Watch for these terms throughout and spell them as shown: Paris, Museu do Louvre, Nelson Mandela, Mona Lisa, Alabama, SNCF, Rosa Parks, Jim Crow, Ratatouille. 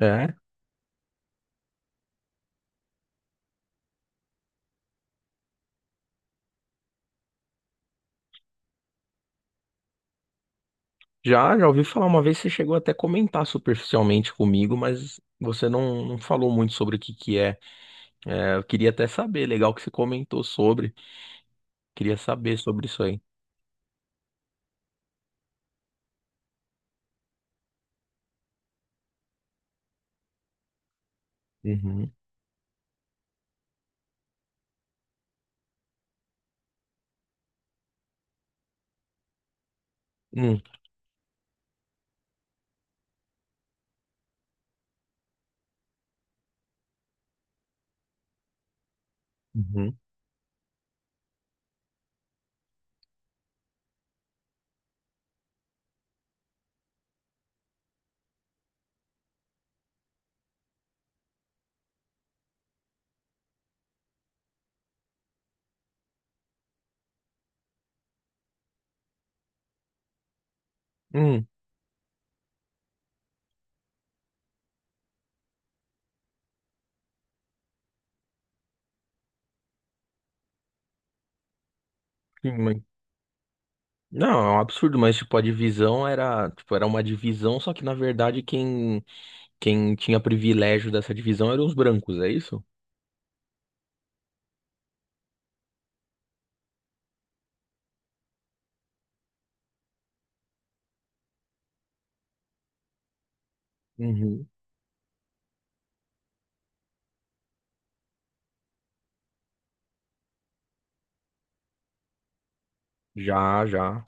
É, já ouvi falar uma vez, você chegou até a comentar superficialmente comigo, mas você não falou muito sobre o que que é. É, eu queria até saber, legal que você comentou sobre, queria saber sobre isso aí. Uhum, hum, uhum, hum, sim, não, é um absurdo, mas tipo, a divisão era, tipo, era uma divisão, só que na verdade quem tinha privilégio dessa divisão eram os brancos, é isso? Uhum. Já, já.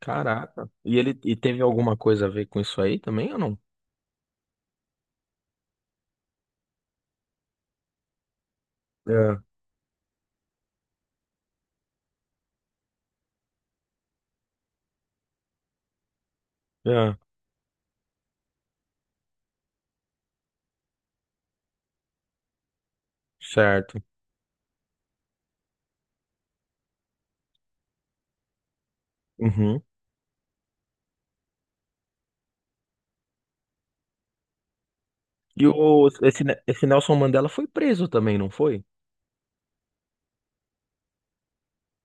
Caraca. E teve alguma coisa a ver com isso aí também ou não? É. Certo. Uhum. E esse Nelson Mandela foi preso também, não foi?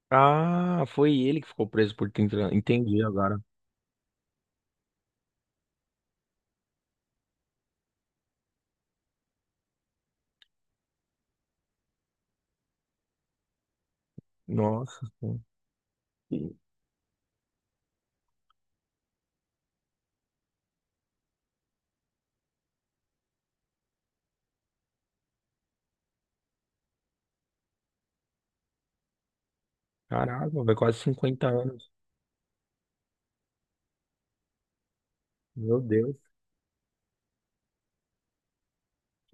Ah, foi ele que ficou preso por 30 anos. Entendi agora. Nossa, pô. Ih, caraca, vai quase 50 anos. Meu Deus.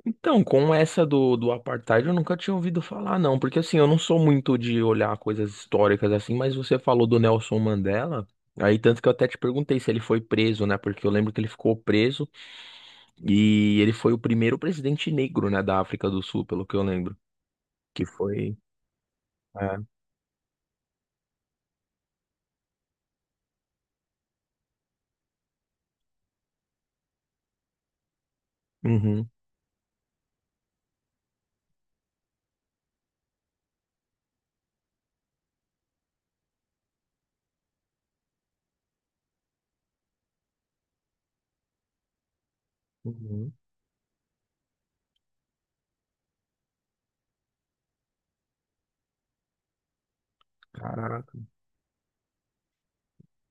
Então, com essa do apartheid, eu nunca tinha ouvido falar, não. Porque assim, eu não sou muito de olhar coisas históricas assim, mas você falou do Nelson Mandela. Aí, tanto que eu até te perguntei se ele foi preso, né? Porque eu lembro que ele ficou preso e ele foi o primeiro presidente negro, né, da África do Sul, pelo que eu lembro. Que foi. É. Uhum, uhum. Caraca.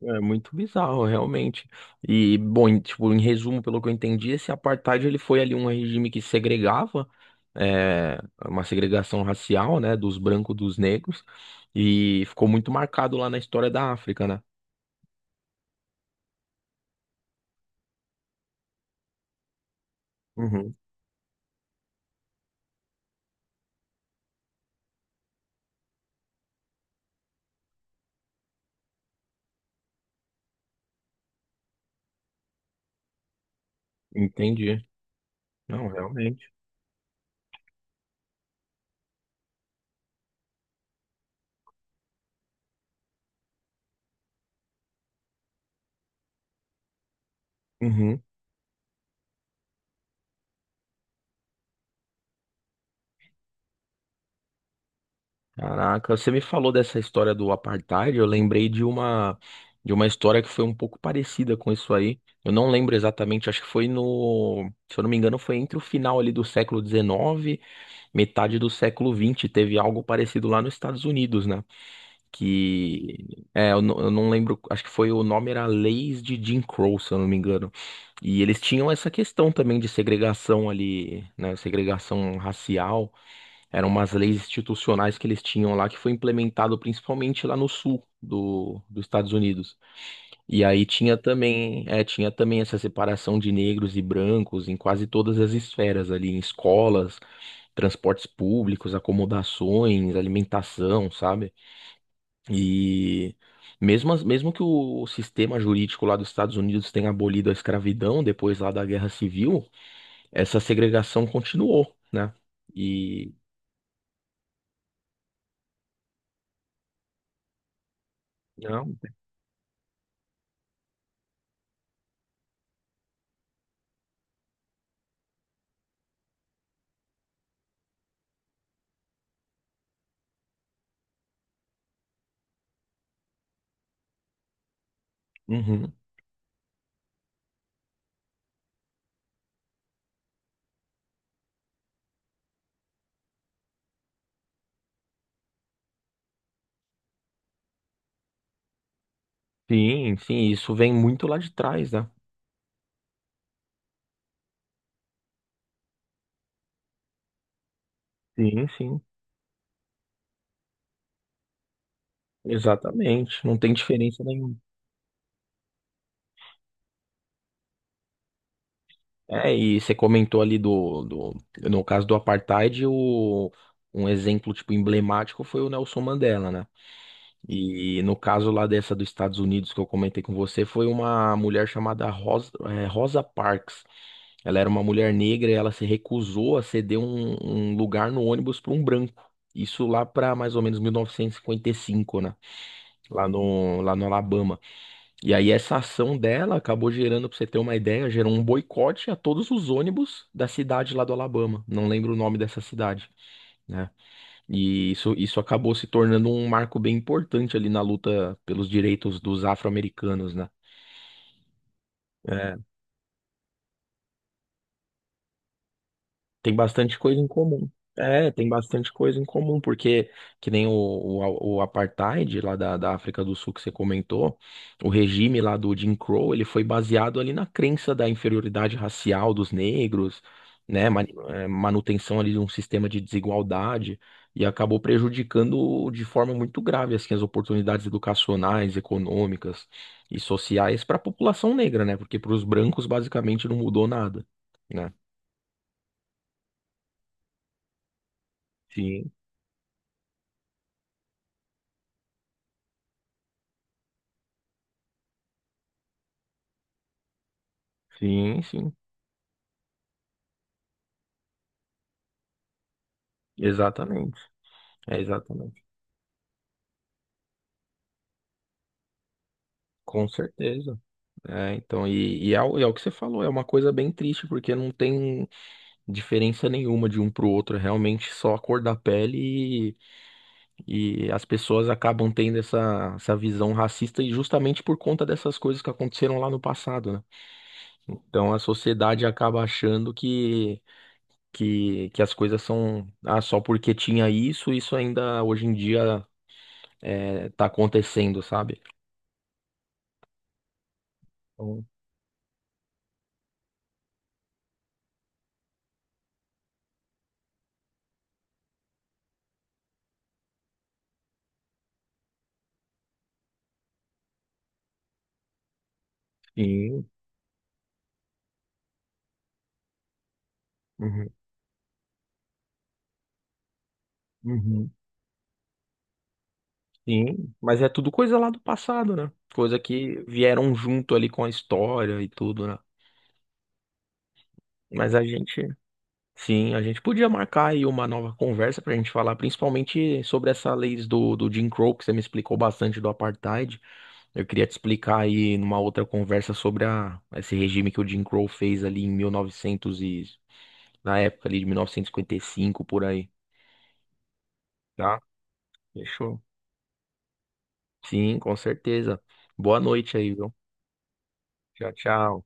É muito bizarro, realmente. E, bom, tipo, em resumo, pelo que eu entendi, esse apartheid ele foi ali um regime que segregava, é, uma segregação racial, né, dos brancos dos negros, e ficou muito marcado lá na história da África, né? Uhum, entendi. Não, realmente. Uhum. Caraca, você me falou dessa história do apartheid, eu lembrei de uma história que foi um pouco parecida com isso aí. Eu não lembro exatamente, acho que foi se eu não me engano, foi entre o final ali do século XIX, metade do século XX, teve algo parecido lá nos Estados Unidos, né? Que é, eu não lembro, acho que foi o nome era Leis de Jim Crow, se eu não me engano. E eles tinham essa questão também de segregação ali, né? Segregação racial. Eram umas leis institucionais que eles tinham lá, que foi implementado principalmente lá no sul dos Estados Unidos. E aí tinha também essa separação de negros e brancos em quase todas as esferas ali, em escolas, transportes públicos, acomodações, alimentação, sabe? E mesmo que o sistema jurídico lá dos Estados Unidos tenha abolido a escravidão depois lá da Guerra Civil, essa segregação continuou, né? E não. Uhum. Sim, sim, isso vem muito lá de trás, né? Sim, sim, exatamente. Não tem diferença nenhuma. É, e você comentou ali no caso do apartheid, um exemplo tipo emblemático foi o Nelson Mandela, né? E no caso lá dessa dos Estados Unidos que eu comentei com você, foi uma mulher chamada Rosa Parks. Ela era uma mulher negra e ela se recusou a ceder um lugar no ônibus para um branco. Isso lá para mais ou menos 1955, né? Lá no Alabama. E aí essa ação dela acabou gerando, pra você ter uma ideia, gerou um boicote a todos os ônibus da cidade lá do Alabama. Não lembro o nome dessa cidade, né? E isso acabou se tornando um marco bem importante ali na luta pelos direitos dos afro-americanos, né? É, tem bastante coisa em comum. É, tem bastante coisa em comum, porque que nem o apartheid lá da África do Sul que você comentou, o regime lá do Jim Crow, ele foi baseado ali na crença da inferioridade racial dos negros, né, manutenção ali de um sistema de desigualdade, e acabou prejudicando de forma muito grave, assim, as oportunidades educacionais, econômicas e sociais para a população negra, né, porque para os brancos basicamente não mudou nada, né? Sim, sim, exatamente, é exatamente, com certeza. É, então, e é, é o que você falou, é uma coisa bem triste, porque não tem diferença nenhuma de um pro outro, é realmente só a cor da pele e as pessoas acabam tendo essa visão racista e justamente por conta dessas coisas que aconteceram lá no passado, né? Então a sociedade acaba achando que as coisas são, ah, só porque tinha isso, ainda hoje em dia tá acontecendo, sabe? Então, sim, uhum, uhum, sim, mas é tudo coisa lá do passado, né? Coisa que vieram junto ali com a história e tudo, né? Mas a gente, sim, a gente podia marcar aí uma nova conversa pra gente falar, principalmente sobre essa lei do Jim Crow, que você me explicou bastante do apartheid. Eu queria te explicar aí numa outra conversa sobre esse regime que o Jim Crow fez ali em 1900 e, novecentos e, na época ali de mil novecentos e cinquenta e cinco por aí, tá? Fechou. Sim, com certeza. Boa noite aí, viu? Tchau, tchau.